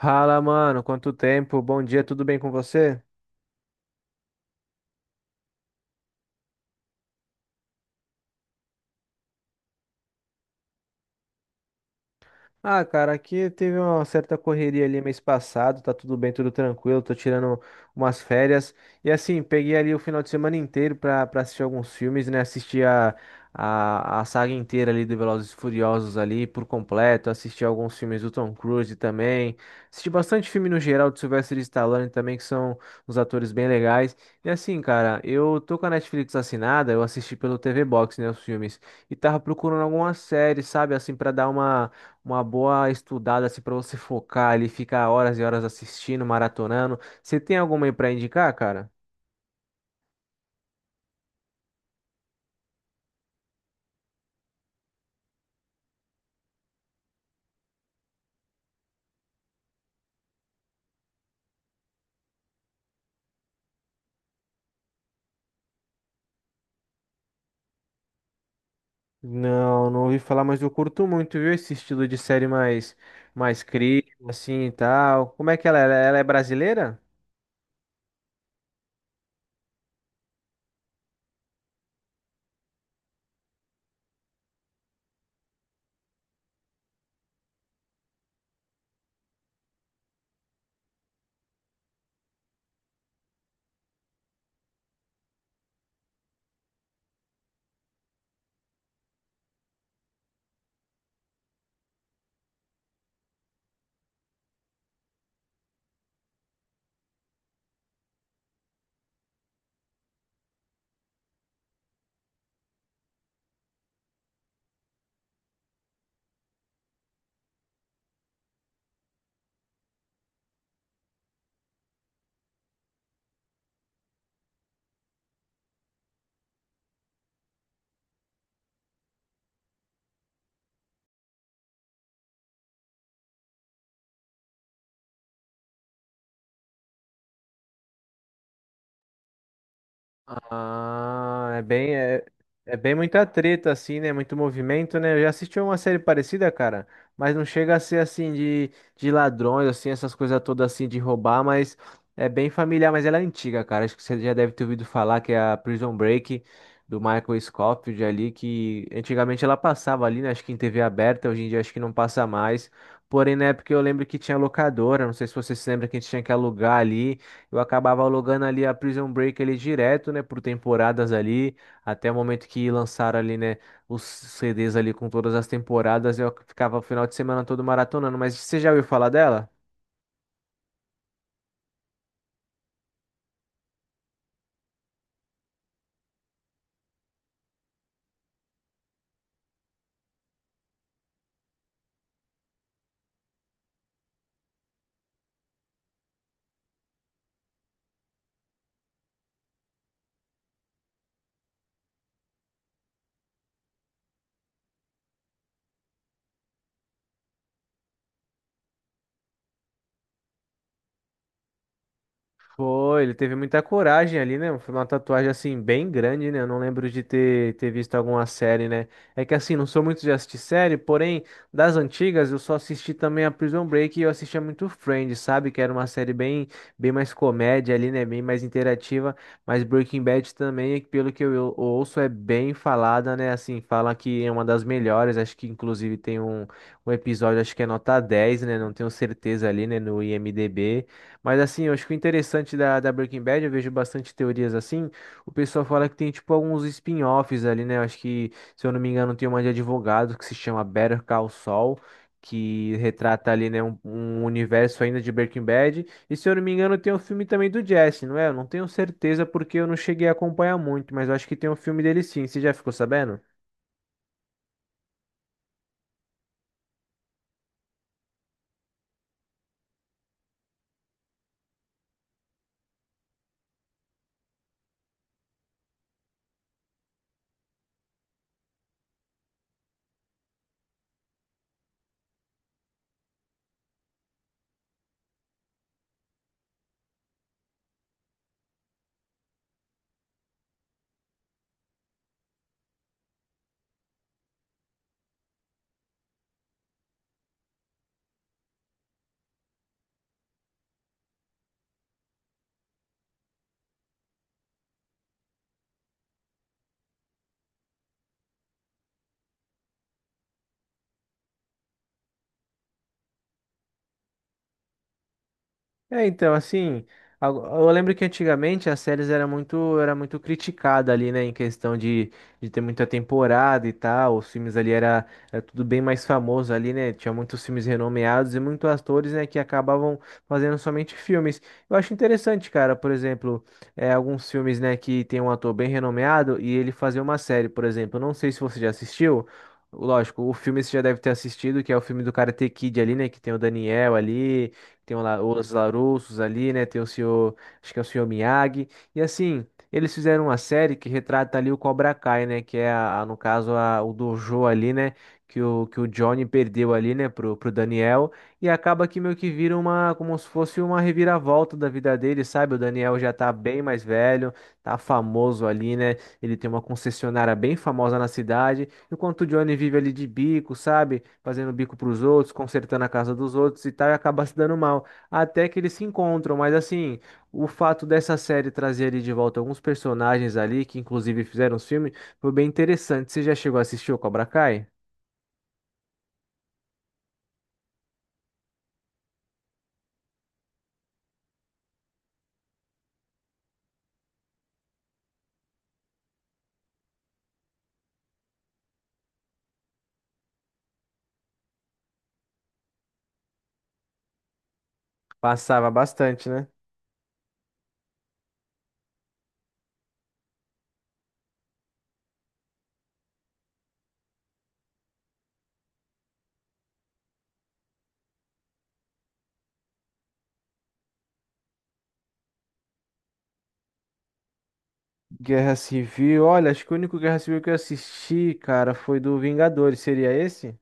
Fala, mano, quanto tempo? Bom dia, tudo bem com você? Ah, cara, aqui teve uma certa correria ali mês passado, tá tudo bem, tudo tranquilo, tô tirando umas férias. E assim, peguei ali o final de semana inteiro pra assistir alguns filmes, né? Assisti a saga inteira ali do Velozes e Furiosos ali por completo, assisti alguns filmes do Tom Cruise também. Assisti bastante filme no geral do Sylvester Stallone também, que são uns atores bem legais. E assim, cara, eu tô com a Netflix assinada, eu assisti pelo TV Box, né, os filmes. E tava procurando alguma série, sabe, assim, pra dar uma boa estudada assim para você focar ali, ficar horas e horas assistindo, maratonando. Você tem alguma aí para indicar, cara? Não, não ouvi falar, mas eu curto muito, viu, esse estilo de série mais crítico assim e tal. Como é que ela é? Ela é brasileira? Ah, é bem muita treta, assim, né? Muito movimento, né? Eu já assisti uma série parecida, cara, mas não chega a ser assim de ladrões, assim, essas coisas todas assim de roubar, mas é bem familiar, mas ela é antiga, cara. Acho que você já deve ter ouvido falar que é a Prison Break do Michael Scofield ali, que antigamente ela passava ali, né? Acho que em TV aberta, hoje em dia acho que não passa mais. Porém, na época eu lembro que tinha locadora, não sei se você se lembra que a gente tinha que alugar ali. Eu acabava alugando ali a Prison Break ali direto, né, por temporadas ali, até o momento que lançaram ali, né, os CDs ali com todas as temporadas, eu ficava o final de semana todo maratonando, mas você já ouviu falar dela? Foi, ele teve muita coragem ali, né? Foi uma tatuagem assim bem grande, né? Eu não lembro de ter visto alguma série, né? É que assim, não sou muito de assistir série, porém, das antigas eu só assisti também a Prison Break e eu assistia muito Friends, sabe? Que era uma série bem, bem mais comédia ali, né? Bem mais interativa. Mas Breaking Bad também, pelo que eu ouço, é bem falada, né? Assim, fala que é uma das melhores. Acho que inclusive tem um episódio, acho que é nota 10 né? Não tenho certeza ali, né? No IMDb. Mas assim, eu acho que o interessante da Breaking Bad, eu vejo bastante teorias assim. O pessoal fala que tem tipo alguns spin-offs ali, né? Eu acho que, se eu não me engano, tem uma de advogado que se chama Better Call Saul, que retrata ali, né, um universo ainda de Breaking Bad. E se eu não me engano, tem um filme também do Jesse, não é? Eu não tenho certeza porque eu não cheguei a acompanhar muito, mas eu acho que tem um filme dele sim. Você já ficou sabendo? É, então, assim, eu lembro que antigamente as séries era muito criticada ali, né, em questão de ter muita temporada e tal, os filmes ali era, era tudo bem mais famoso ali, né, tinha muitos filmes renomeados e muitos atores, né, que acabavam fazendo somente filmes. Eu acho interessante, cara, por exemplo, alguns filmes, né, que tem um ator bem renomeado e ele fazer uma série, por exemplo, não sei se você já assistiu. Lógico, o filme você já deve ter assistido, que é o filme do Karate Kid ali, né? Que tem o Daniel ali. Tem o os Larusos ali, né? Tem o senhor, acho que é o senhor Miyagi. E assim, eles fizeram uma série que retrata ali o Cobra Kai, né? Que é, no caso, a, o dojo ali, né? Que o Johnny perdeu ali, né? Pro Daniel. E acaba que meio que vira uma, como se fosse uma reviravolta da vida dele, sabe? O Daniel já tá bem mais velho, tá famoso ali, né? Ele tem uma concessionária bem famosa na cidade. Enquanto o Johnny vive ali de bico, sabe? Fazendo bico pros outros, consertando a casa dos outros e tal, e acaba se dando mal. Até que eles se encontram, mas assim, o fato dessa série trazer ali de volta alguns personagens ali, que inclusive fizeram os filmes, foi bem interessante. Você já chegou a assistir o Cobra Kai? Passava bastante, né? Guerra Civil, olha, acho que o único Guerra Civil que eu assisti, cara, foi do Vingadores. Seria esse?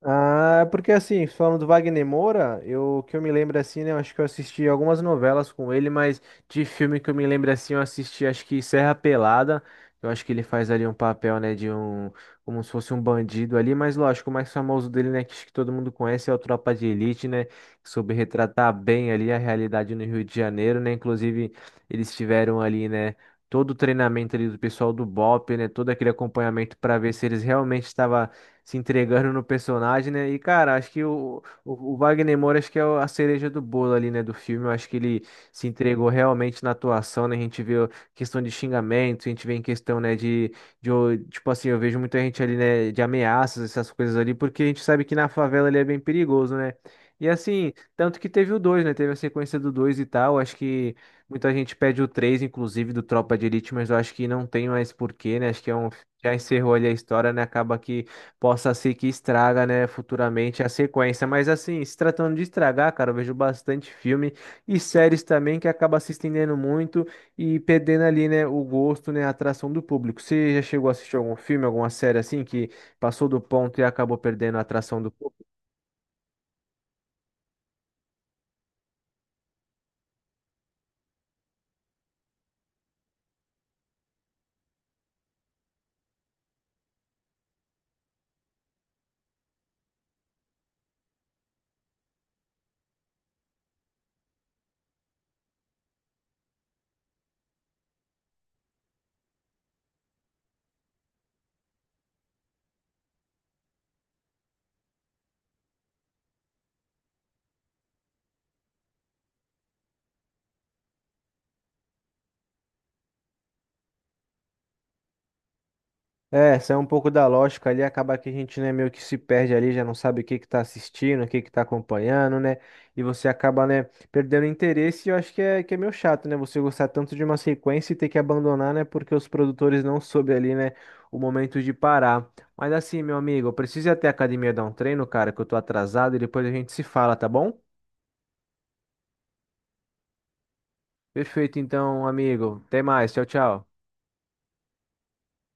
Ah, é porque assim, falando do Wagner Moura, eu que eu me lembro assim, né? Eu acho que eu assisti algumas novelas com ele, mas de filme que eu me lembro assim, eu assisti acho que Serra Pelada. Eu acho que ele faz ali um papel, né, de um, como se fosse um bandido ali, mas lógico, o mais famoso dele, né, que acho que todo mundo conhece é o Tropa de Elite, né, que soube retratar bem ali a realidade no Rio de Janeiro, né? Inclusive, eles tiveram ali, né, todo o treinamento ali do pessoal do BOPE, né, todo aquele acompanhamento para ver se eles realmente estavam se entregando no personagem, né? E, cara, acho que o Wagner Moura, acho que é a cereja do bolo ali, né, do filme. Eu acho que ele se entregou realmente na atuação, né? A gente vê questão de xingamento, a gente vê em questão, né, tipo assim, eu vejo muita gente ali, né, de ameaças, essas coisas ali, porque a gente sabe que na favela ali é bem perigoso, né? E assim, tanto que teve o 2, né? Teve a sequência do 2 e tal. Acho que muita gente pede o 3, inclusive, do Tropa de Elite, mas eu acho que não tem mais porquê, né? Acho que é um. Já encerrou ali a história, né? Acaba que possa ser que estraga, né, futuramente a sequência. Mas assim, se tratando de estragar, cara, eu vejo bastante filme e séries também que acaba se estendendo muito e perdendo ali, né, o gosto, né, a atração do público. Você já chegou a assistir algum filme, alguma série assim que passou do ponto e acabou perdendo a atração do público? É, sai um pouco da lógica ali, acaba que a gente, né, meio que se perde ali, já não sabe o que que tá assistindo, o que que tá acompanhando, né? E você acaba, né, perdendo interesse e eu acho que é meio chato, né? Você gostar tanto de uma sequência e ter que abandonar, né? Porque os produtores não soube ali, né, o momento de parar. Mas assim, meu amigo, eu preciso ir até a academia dar um treino, cara, que eu tô atrasado e depois a gente se fala, tá bom? Perfeito, então, amigo. Até mais. Tchau, tchau.